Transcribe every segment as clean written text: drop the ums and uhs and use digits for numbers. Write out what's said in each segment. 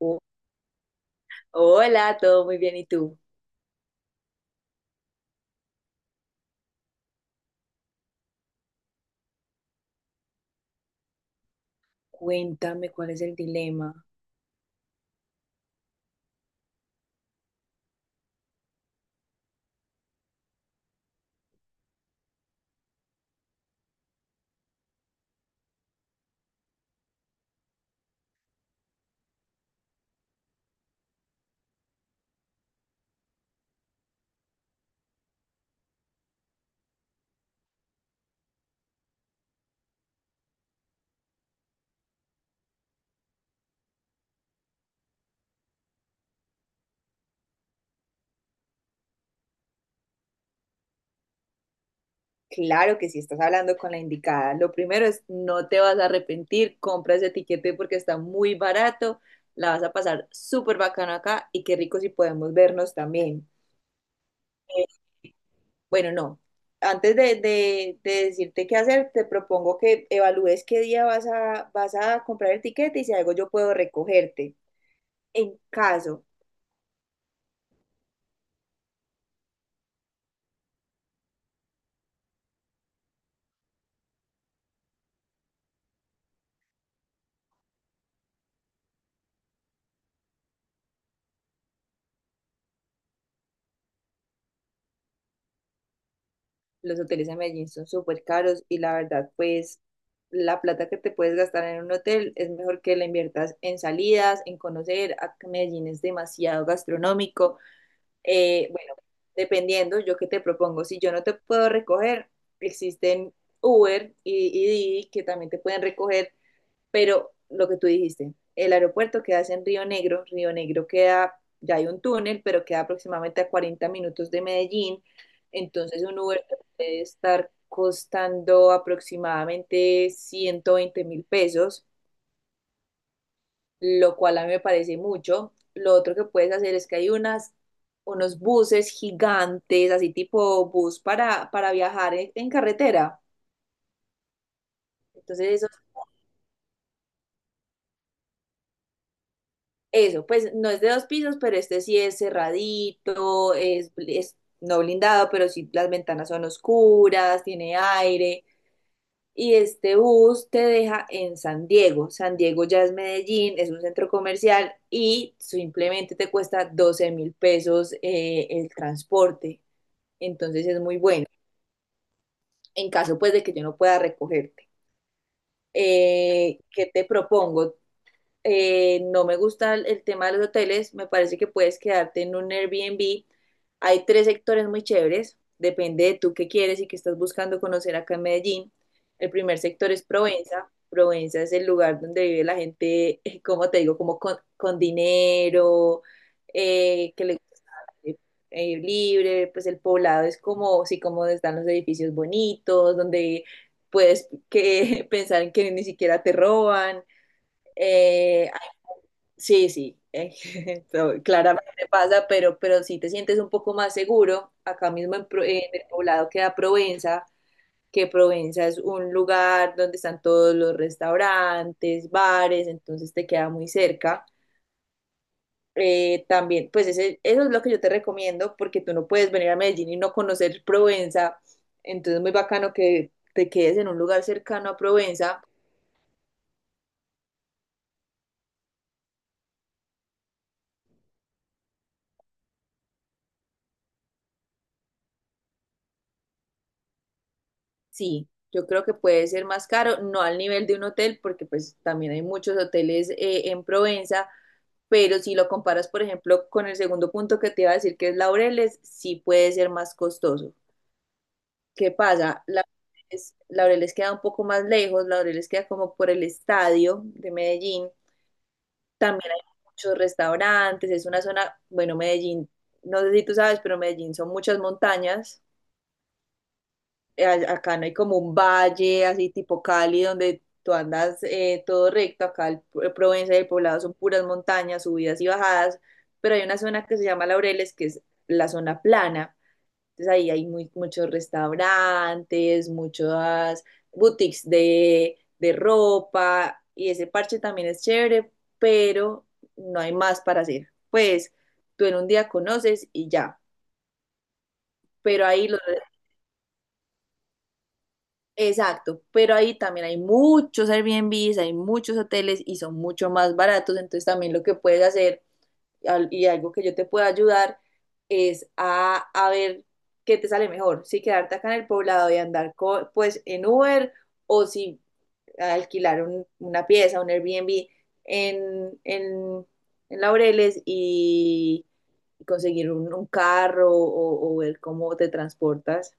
Oh, hola, todo muy bien. ¿Y tú? Cuéntame cuál es el dilema. Claro que si estás hablando con la indicada. Lo primero, es no te vas a arrepentir, compra ese tiquete porque está muy barato, la vas a pasar súper bacano acá y qué rico si podemos vernos también. Eh, bueno, no. Antes de decirte qué hacer, te propongo que evalúes qué día vas a comprar el tiquete y si algo yo puedo recogerte. En caso, los hoteles en Medellín son súper caros y la verdad, pues la plata que te puedes gastar en un hotel es mejor que la inviertas en salidas, en conocer. A Medellín es demasiado gastronómico. Bueno, dependiendo, yo qué te propongo, si yo no te puedo recoger, existen Uber y Didi, que también te pueden recoger, pero lo que tú dijiste, el aeropuerto queda en Río Negro. Río Negro queda, ya hay un túnel, pero queda aproximadamente a 40 minutos de Medellín, entonces un Uber te puede estar costando aproximadamente 120.000 pesos, lo cual a mí me parece mucho. Lo otro que puedes hacer es que hay unas, unos buses gigantes, así tipo bus para viajar en carretera. Entonces eso, pues no es de dos pisos, pero este sí es cerradito, es no blindado, pero sí, las ventanas son oscuras, tiene aire. Y este bus te deja en San Diego. San Diego ya es Medellín, es un centro comercial y simplemente te cuesta 12.000 pesos el transporte. Entonces es muy bueno. En caso, pues, de que yo no pueda recogerte. ¿Qué te propongo? No me gusta el tema de los hoteles, me parece que puedes quedarte en un Airbnb. Hay tres sectores muy chéveres, depende de tú qué quieres y qué estás buscando conocer acá en Medellín. El primer sector es Provenza. Provenza es el lugar donde vive la gente, como te digo, como con dinero, que le gusta eh, libre, pues el Poblado es como, sí, como están los edificios bonitos, donde puedes, que, pensar en que ni siquiera te roban. Eh, Sí, sí, claramente pasa, pero sí te sientes un poco más seguro. Acá mismo en, en el Poblado queda Provenza, que Provenza es un lugar donde están todos los restaurantes, bares, entonces te queda muy cerca. También, pues eso es lo que yo te recomiendo, porque tú no puedes venir a Medellín y no conocer Provenza, entonces es muy bacano que te quedes en un lugar cercano a Provenza. Sí, yo creo que puede ser más caro, no al nivel de un hotel, porque pues también hay muchos hoteles en Provenza, pero si lo comparas, por ejemplo, con el segundo punto que te iba a decir, que es Laureles, sí puede ser más costoso. ¿Qué pasa? Laureles, Laureles queda un poco más lejos, Laureles queda como por el estadio de Medellín, también hay muchos restaurantes, es una zona, bueno, Medellín, no sé si tú sabes, pero Medellín son muchas montañas. Acá no hay como un valle así tipo Cali donde tú andas todo recto, acá el, Provenza y el Poblado son puras montañas, subidas y bajadas, pero hay una zona que se llama Laureles, que es la zona plana, entonces ahí hay muy, muchos restaurantes, muchas boutiques de ropa y ese parche también es chévere, pero no hay más para hacer. Pues tú en un día conoces y ya, pero ahí los... Exacto, pero ahí también hay muchos Airbnbs, hay muchos hoteles y son mucho más baratos, entonces también lo que puedes hacer y algo que yo te pueda ayudar es a ver qué te sale mejor, si quedarte acá en el Poblado y andar pues en Uber o si alquilar una pieza, un Airbnb en, en, en Laureles y conseguir un carro o ver cómo te transportas.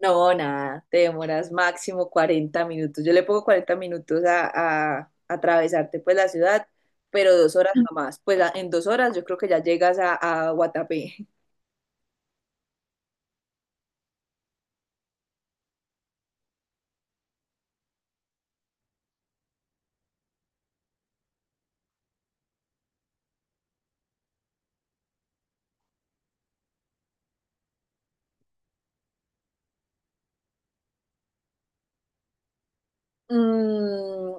No, nada, te demoras máximo 40 minutos. Yo le pongo 40 minutos a atravesarte pues la ciudad, pero 2 horas jamás. Pues en 2 horas yo creo que ya llegas a Guatapé. Mm,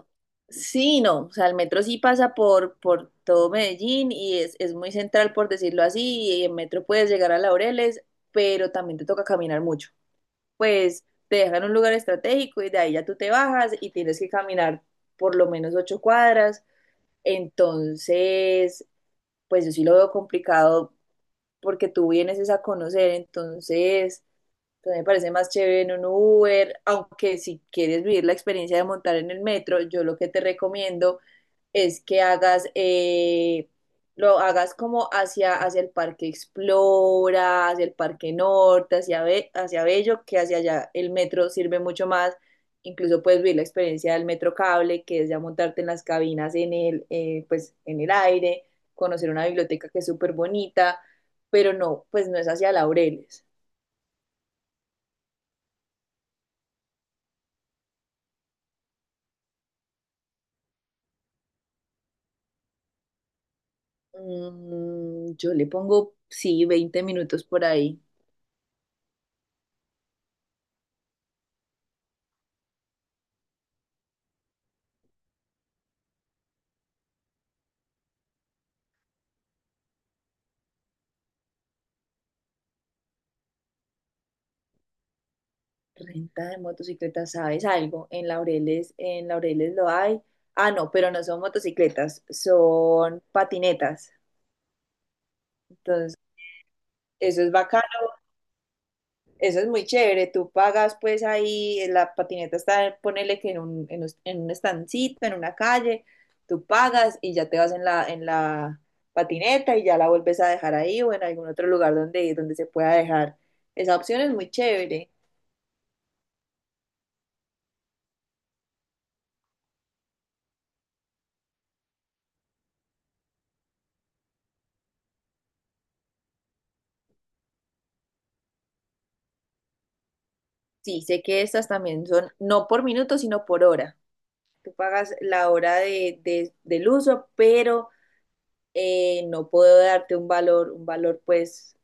sí, no, o sea, el metro sí pasa por todo Medellín y es muy central, por decirlo así, y en metro puedes llegar a Laureles, pero también te toca caminar mucho. Pues te dejan un lugar estratégico y de ahí ya tú te bajas y tienes que caminar por lo menos 8 cuadras. Entonces, pues yo sí lo veo complicado porque tú vienes es a conocer, entonces, pues me parece más chévere en un Uber, aunque si quieres vivir la experiencia de montar en el metro, yo lo que te recomiendo es que hagas, lo hagas como hacia, hacia el Parque Explora, hacia el Parque Norte, hacia, hacia Bello, que hacia allá el metro sirve mucho más. Incluso puedes vivir la experiencia del metro cable, que es ya montarte en las cabinas en el, pues, en el aire, conocer una biblioteca que es súper bonita, pero no, pues no es hacia Laureles. Yo le pongo, sí, 20 minutos por ahí. Renta de motocicletas, ¿sabes algo? En Laureles lo hay. Ah, no, pero no son motocicletas, son patinetas. Entonces, eso es bacano, eso es muy chévere. Tú pagas pues ahí, la patineta está, ponele que en un estancito, en una calle, tú pagas y ya te vas en la patineta y ya la vuelves a dejar ahí o en algún otro lugar donde, donde se pueda dejar. Esa opción es muy chévere. Sí, sé que estas también son no por minuto, sino por hora. Tú pagas la hora del uso, pero no puedo darte un valor pues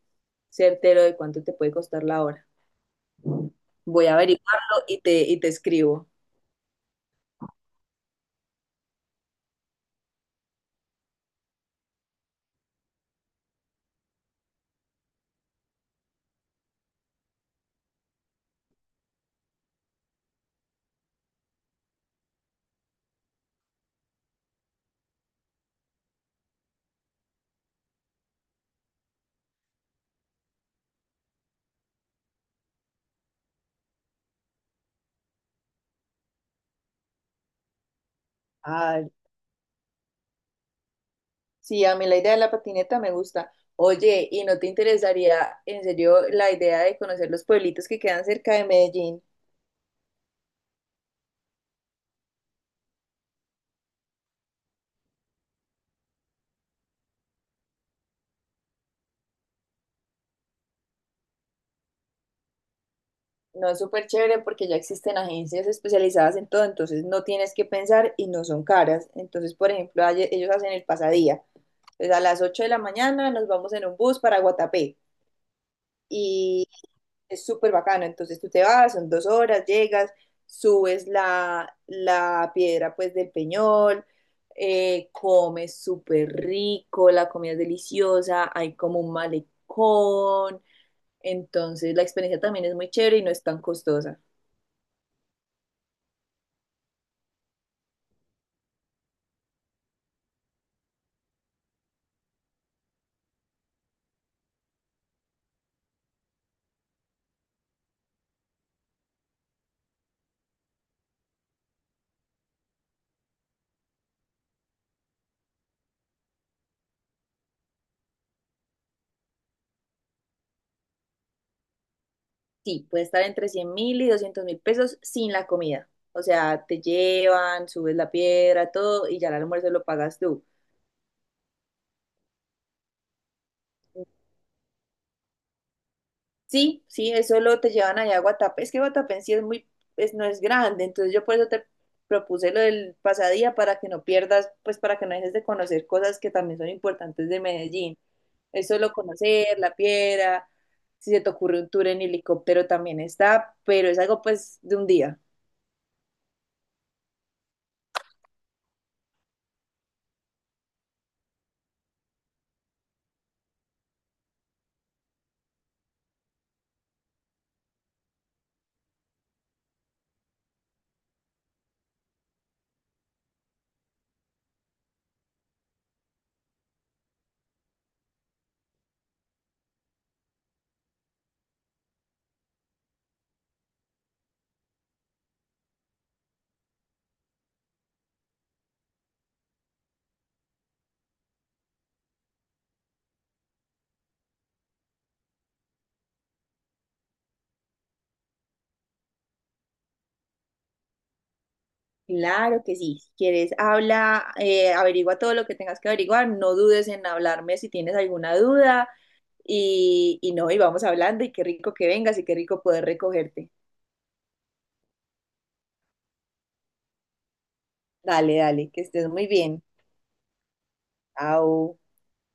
certero de cuánto te puede costar la hora. Voy a averiguarlo y te escribo. Ah, sí, a mí la idea de la patineta me gusta. Oye, ¿y no te interesaría en serio la idea de conocer los pueblitos que quedan cerca de Medellín? No, es súper chévere porque ya existen agencias especializadas en todo, entonces no tienes que pensar y no son caras. Entonces, por ejemplo, ellos hacen el pasadía. Entonces, a las 8 de la mañana nos vamos en un bus para Guatapé y es súper bacano. Entonces tú te vas, son 2 horas, llegas, subes la, la piedra pues del Peñol, comes súper rico, la comida es deliciosa, hay como un malecón. Entonces la experiencia también es muy chévere y no es tan costosa. Sí, puede estar entre 100 mil y 200 mil pesos sin la comida. O sea, te llevan, subes la piedra, todo, y ya el almuerzo lo pagas tú. Sí, sí, eso, lo te llevan allá a Guatapé. Es que Guatapé en sí es muy, es, no es grande, entonces yo por eso te propuse lo del pasadía para que no pierdas, pues para que no dejes de conocer cosas que también son importantes de Medellín. Es solo conocer la piedra. Si se te ocurre un tour en helicóptero también está, pero es algo pues de un día. Claro que sí, si quieres habla, averigua todo lo que tengas que averiguar, no dudes en hablarme si tienes alguna duda y no, y vamos hablando y qué rico que vengas y qué rico poder recogerte. Dale, dale, que estés muy bien. Chao.